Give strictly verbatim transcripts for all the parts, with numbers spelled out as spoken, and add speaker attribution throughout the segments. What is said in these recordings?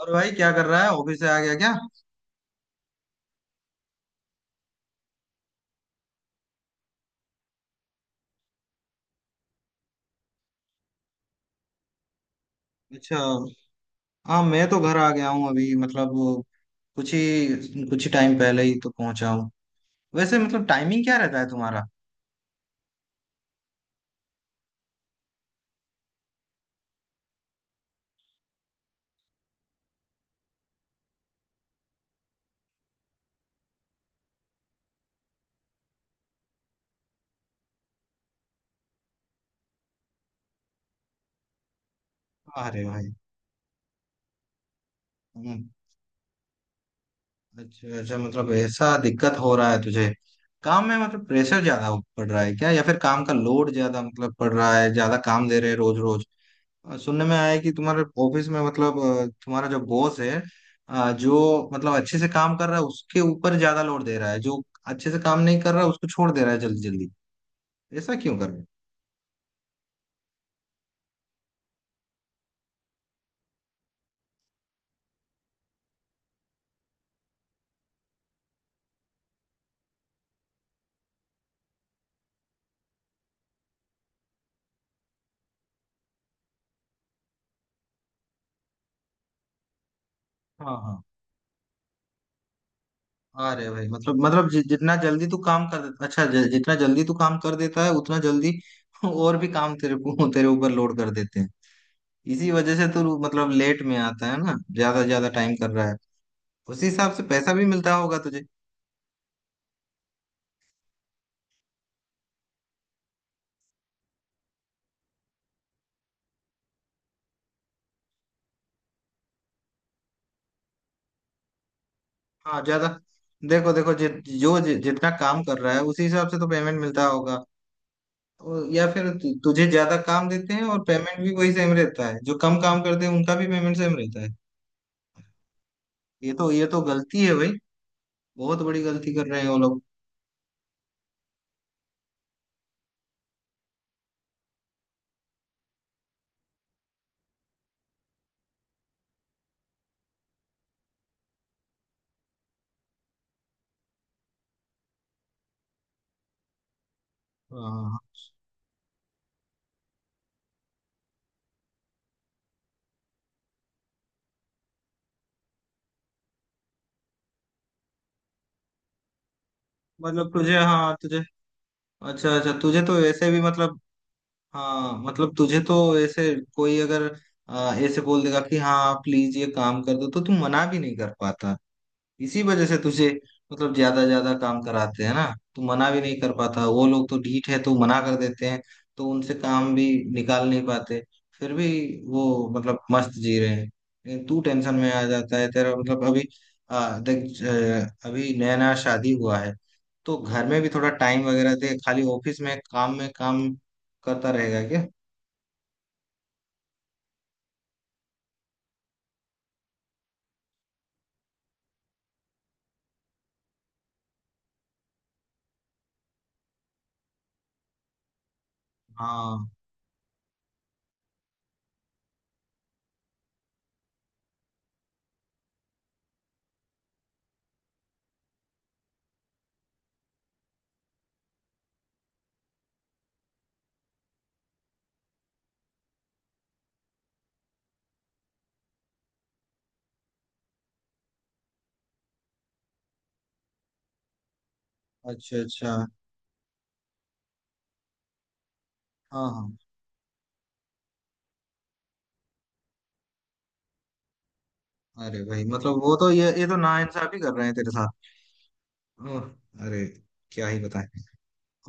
Speaker 1: और भाई क्या कर रहा है? ऑफिस से आ गया क्या? अच्छा। हाँ, मैं तो घर आ गया हूँ अभी। मतलब कुछ ही कुछ ही टाइम पहले ही तो पहुंचा हूँ। वैसे मतलब टाइमिंग क्या रहता है तुम्हारा? अरे भाई। हम्म, अच्छा अच्छा, मतलब ऐसा दिक्कत हो रहा है तुझे? काम में मतलब प्रेशर ज्यादा पड़ रहा है क्या? या फिर काम का लोड ज्यादा मतलब पड़ रहा है? ज्यादा काम दे रहे हैं रोज रोज? अ, सुनने में आया है कि तुम्हारे ऑफिस में मतलब अ, तुम्हारा जो बॉस है, अ, जो मतलब अच्छे से काम कर रहा है उसके ऊपर ज्यादा लोड दे रहा है। जो अच्छे से काम नहीं कर रहा उसको छोड़ दे रहा है जल्दी जल्दी। ऐसा क्यों कर रहे हैं? हाँ हाँ। अरे भाई, मतलब मतलब जि, जितना जल्दी तू काम कर देता, अच्छा, जि, जितना जल्दी तू काम कर देता है उतना जल्दी और भी काम तेरे को तेरे ऊपर लोड कर देते हैं। इसी वजह से तू मतलब लेट में आता है ना? ज्यादा ज्यादा टाइम कर रहा है। उसी हिसाब से पैसा भी मिलता होगा तुझे? हाँ ज्यादा। देखो देखो, जि, जो जि, जितना काम कर रहा है उसी हिसाब से तो पेमेंट मिलता होगा। और या फिर तु, तुझे ज्यादा काम देते हैं और पेमेंट भी वही सेम रहता है? जो कम काम करते हैं उनका भी पेमेंट सेम रहता है? ये तो ये तो गलती है भाई। बहुत बड़ी गलती कर रहे हैं वो लोग। हाँ मतलब तुझे हाँ तुझे, अच्छा अच्छा, तुझे तो ऐसे भी मतलब, हाँ मतलब तुझे तो ऐसे कोई अगर आ, ऐसे बोल देगा कि हाँ प्लीज ये काम कर दो, तो तू मना भी नहीं कर पाता। इसी वजह से तुझे मतलब ज्यादा ज्यादा काम कराते हैं ना। तू मना भी नहीं कर पाता, वो लोग तो ढीठ है तो मना कर देते हैं। तो उनसे काम भी निकाल नहीं पाते। फिर भी वो मतलब मस्त जी रहे हैं लेकिन तू टेंशन में आ जाता है। तेरा मतलब अभी आ, देख अ, अभी नया नया शादी हुआ है, तो घर में भी थोड़ा टाइम वगैरह दे। खाली ऑफिस में काम में काम करता रहेगा क्या? हाँ अच्छा अच्छा। हाँ हाँ। अरे भाई मतलब वो तो ये ये तो नाइंसाफी कर रहे हैं तेरे साथ। ओह, अरे, क्या ही बताएं।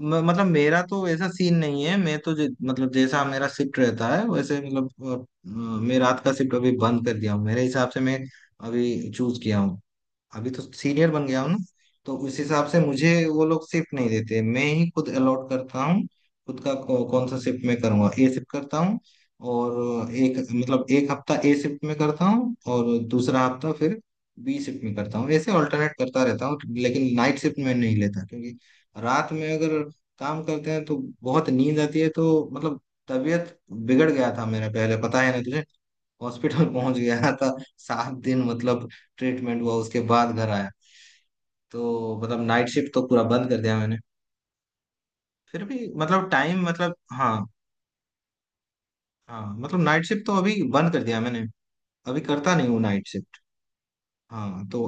Speaker 1: म- मतलब मेरा तो ऐसा सीन नहीं है। मैं तो जे- मतलब जैसा मेरा शिफ्ट रहता है वैसे मतलब अ, अ, मैं रात का शिफ्ट अभी बंद कर दिया हूँ। मेरे हिसाब से मैं अभी चूज किया हूँ। अभी तो सीनियर बन गया हूँ ना, तो उस हिसाब से मुझे वो लोग शिफ्ट नहीं देते, मैं ही खुद अलॉट करता हूँ। खुद का कौ, कौन सा शिफ्ट मैं करूँगा। ए शिफ्ट करता हूँ, और एक मतलब एक हफ्ता ए शिफ्ट में करता हूँ और दूसरा हफ्ता फिर बी शिफ्ट में करता हूँ। ऐसे ऑल्टरनेट करता रहता हूँ। लेकिन नाइट शिफ्ट में नहीं लेता, क्योंकि रात में अगर काम करते हैं तो बहुत नींद आती है। तो मतलब तबीयत बिगड़ गया था मेरा पहले, पता है ना तुझे। हॉस्पिटल पहुंच गया था। सात दिन मतलब ट्रीटमेंट हुआ, उसके बाद घर आया। तो मतलब नाइट शिफ्ट तो पूरा बंद कर दिया मैंने। फिर भी मतलब टाइम मतलब हाँ। हाँ मतलब नाइट शिफ्ट तो अभी बंद कर दिया मैंने। अभी करता नहीं हूँ नाइट शिफ्ट। हाँ तो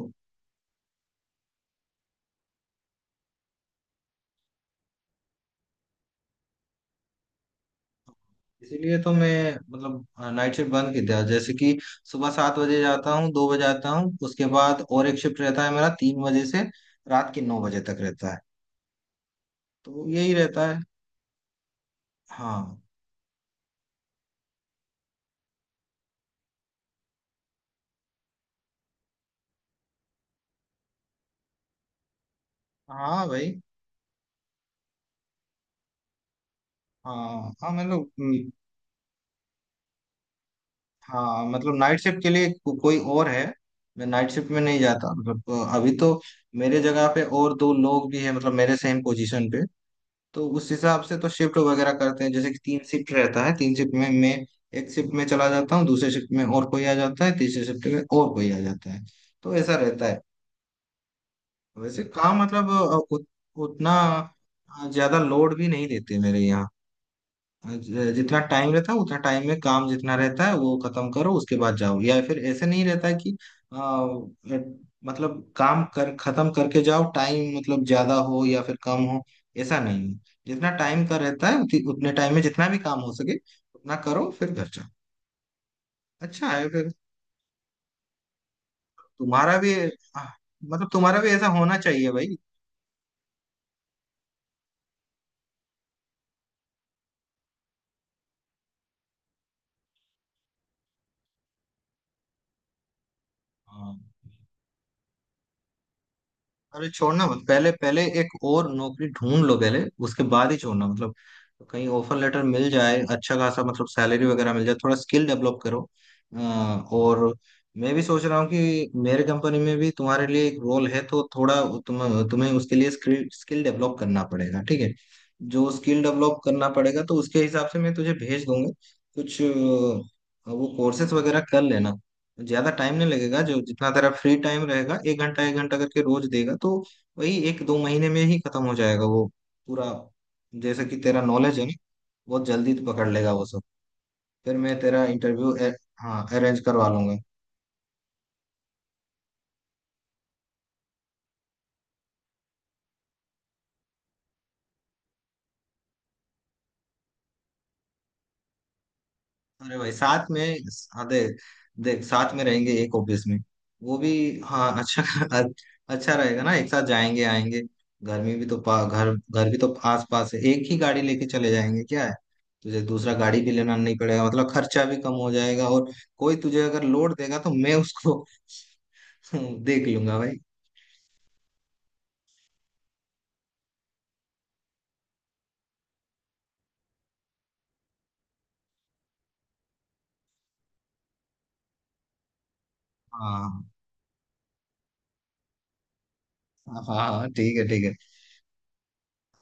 Speaker 1: इसीलिए तो मैं मतलब नाइट शिफ्ट बंद कर दिया। जैसे कि सुबह सात बजे जाता हूँ, दो बजे आता हूँ। उसके बाद और एक शिफ्ट रहता है मेरा तीन बजे से रात के नौ बजे तक रहता है। तो यही रहता है। हाँ हाँ भाई। हाँ हाँ मतलब हम्म, हाँ मतलब नाइट शिफ्ट के लिए को, कोई और है। मैं नाइट शिफ्ट में नहीं जाता मतलब, अ, अभी तो मेरे जगह पे और दो लोग भी हैं मतलब मेरे सेम पोजीशन पे। तो उस हिसाब से तो शिफ्ट वगैरह करते हैं। जैसे कि तीन शिफ्ट रहता है, तीन शिफ्ट में मैं एक शिफ्ट में चला जाता हूँ, दूसरे शिफ्ट में और कोई आ जाता है, तीसरे शिफ्ट में और कोई आ जाता है। तो ऐसा रहता है। वैसे काम मतलब अ, उत, उतना अ, ज्यादा लोड भी नहीं देते मेरे यहाँ। ज- जितना टाइम रहता है उतना टाइम में काम जितना रहता है वो खत्म करो उसके बाद जाओ। या फिर ऐसे नहीं रहता है कि आ, ए- मतलब काम कर खत्म करके जाओ, टाइम मतलब ज्यादा हो या फिर कम हो। ऐसा नहीं है। जितना टाइम का रहता है उति, उतने टाइम में जितना भी काम हो सके उतना करो, फिर घर जाओ। अच्छा है फिर तुम्हारा भी। हाँ, मतलब तुम्हारा भी ऐसा होना चाहिए भाई। हाँ। अरे छोड़ना मत पहले, पहले एक और नौकरी ढूंढ लो पहले, उसके बाद ही छोड़ना मतलब। कहीं ऑफर लेटर मिल जाए अच्छा खासा, मतलब सैलरी वगैरह मिल जाए, थोड़ा स्किल डेवलप करो। अ, और मैं भी सोच रहा हूँ कि मेरे कंपनी में भी तुम्हारे लिए एक रोल है, तो थोड़ा तुम, तुम्हें उसके लिए स्किल स्किल डेवलप करना पड़ेगा, ठीक है। जो स्किल डेवलप करना पड़ेगा तो उसके हिसाब से मैं तुझे भेज दूंगा कुछ। अ, वो कोर्सेज वगैरह कर लेना। ज्यादा टाइम नहीं लगेगा, जो जितना तेरा फ्री टाइम रहेगा एक घंटा एक घंटा करके रोज देगा तो वही एक दो महीने में ही खत्म हो जाएगा वो पूरा। जैसे कि तेरा नॉलेज है ना, बहुत जल्दी तू पकड़ लेगा वो सब। फिर मैं तेरा इंटरव्यू हाँ अरेंज करवा लूंगा। अरे भाई साथ में हाँ, देख देख साथ में रहेंगे एक ऑफिस में। वो भी हाँ अच्छा अच्छा रहेगा ना, एक साथ जाएंगे आएंगे। घर में भी तो पा, घर घर भी तो आस पास है, एक ही गाड़ी लेके चले जाएंगे, क्या है। तुझे दूसरा गाड़ी भी लेना नहीं पड़ेगा, मतलब खर्चा भी कम हो जाएगा। और कोई तुझे अगर लोड देगा तो मैं उसको देख लूंगा भाई। हाँ हाँ। हाँ, ठीक है ठीक है।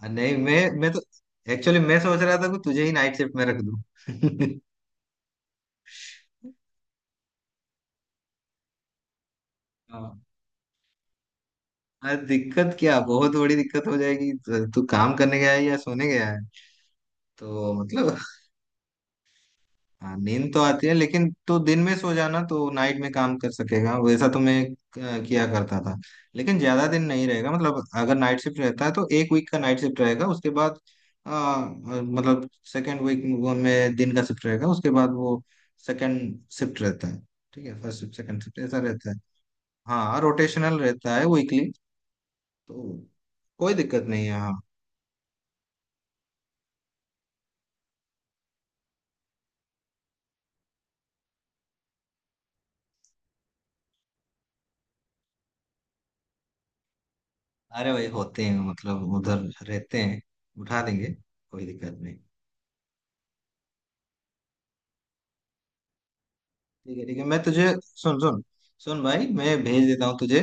Speaker 1: नहीं मैं मैं तो एक्चुअली मैं सोच रहा था कि तुझे ही नाइट शिफ्ट में रख दूं। हाँ। अरे दिक्कत क्या, बहुत बड़ी दिक्कत हो जाएगी, तो- तू काम करने गया है या सोने गया है? तो मतलब हाँ, नींद तो आती है, लेकिन तू दिन में सो जाना तो नाइट में काम कर सकेगा। वैसा तो मैं अ, किया करता था। लेकिन ज्यादा दिन नहीं रहेगा मतलब। अगर नाइट शिफ्ट रहता है तो एक वीक का नाइट शिफ्ट रहेगा, उसके बाद अ, अ, मतलब सेकेंड वीक में दिन का शिफ्ट रहेगा, उसके बाद वो सेकेंड शिफ्ट रहता है। ठीक है, फर्स्ट शिफ्ट सेकेंड शिफ्ट ऐसा रहता है। हाँ रोटेशनल रहता है वीकली। तो कोई दिक्कत नहीं है। हाँ अरे भाई होते हैं मतलब उधर रहते हैं, उठा देंगे, कोई दिक्कत नहीं। ठीक है ठीक है, मैं तुझे सुन सुन सुन भाई, मैं भेज देता हूँ तुझे।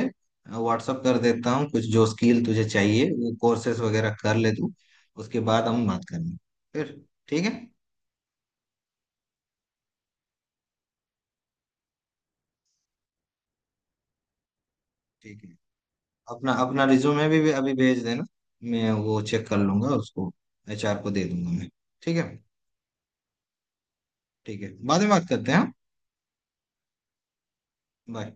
Speaker 1: व्हाट्सअप कर देता हूँ कुछ, जो स्किल तुझे चाहिए वो कोर्सेस वगैरह कर ले तू। उसके बाद हम बात करेंगे फिर, ठीक है। ठीक है। अपना अपना रिज्यूमे भी, भी अभी भेज देना। मैं वो चेक कर लूंगा उसको। एच आर को दे दूंगा मैं। ठीक है। ठीक है, बाद में बात करते हैं। हाँ बाय।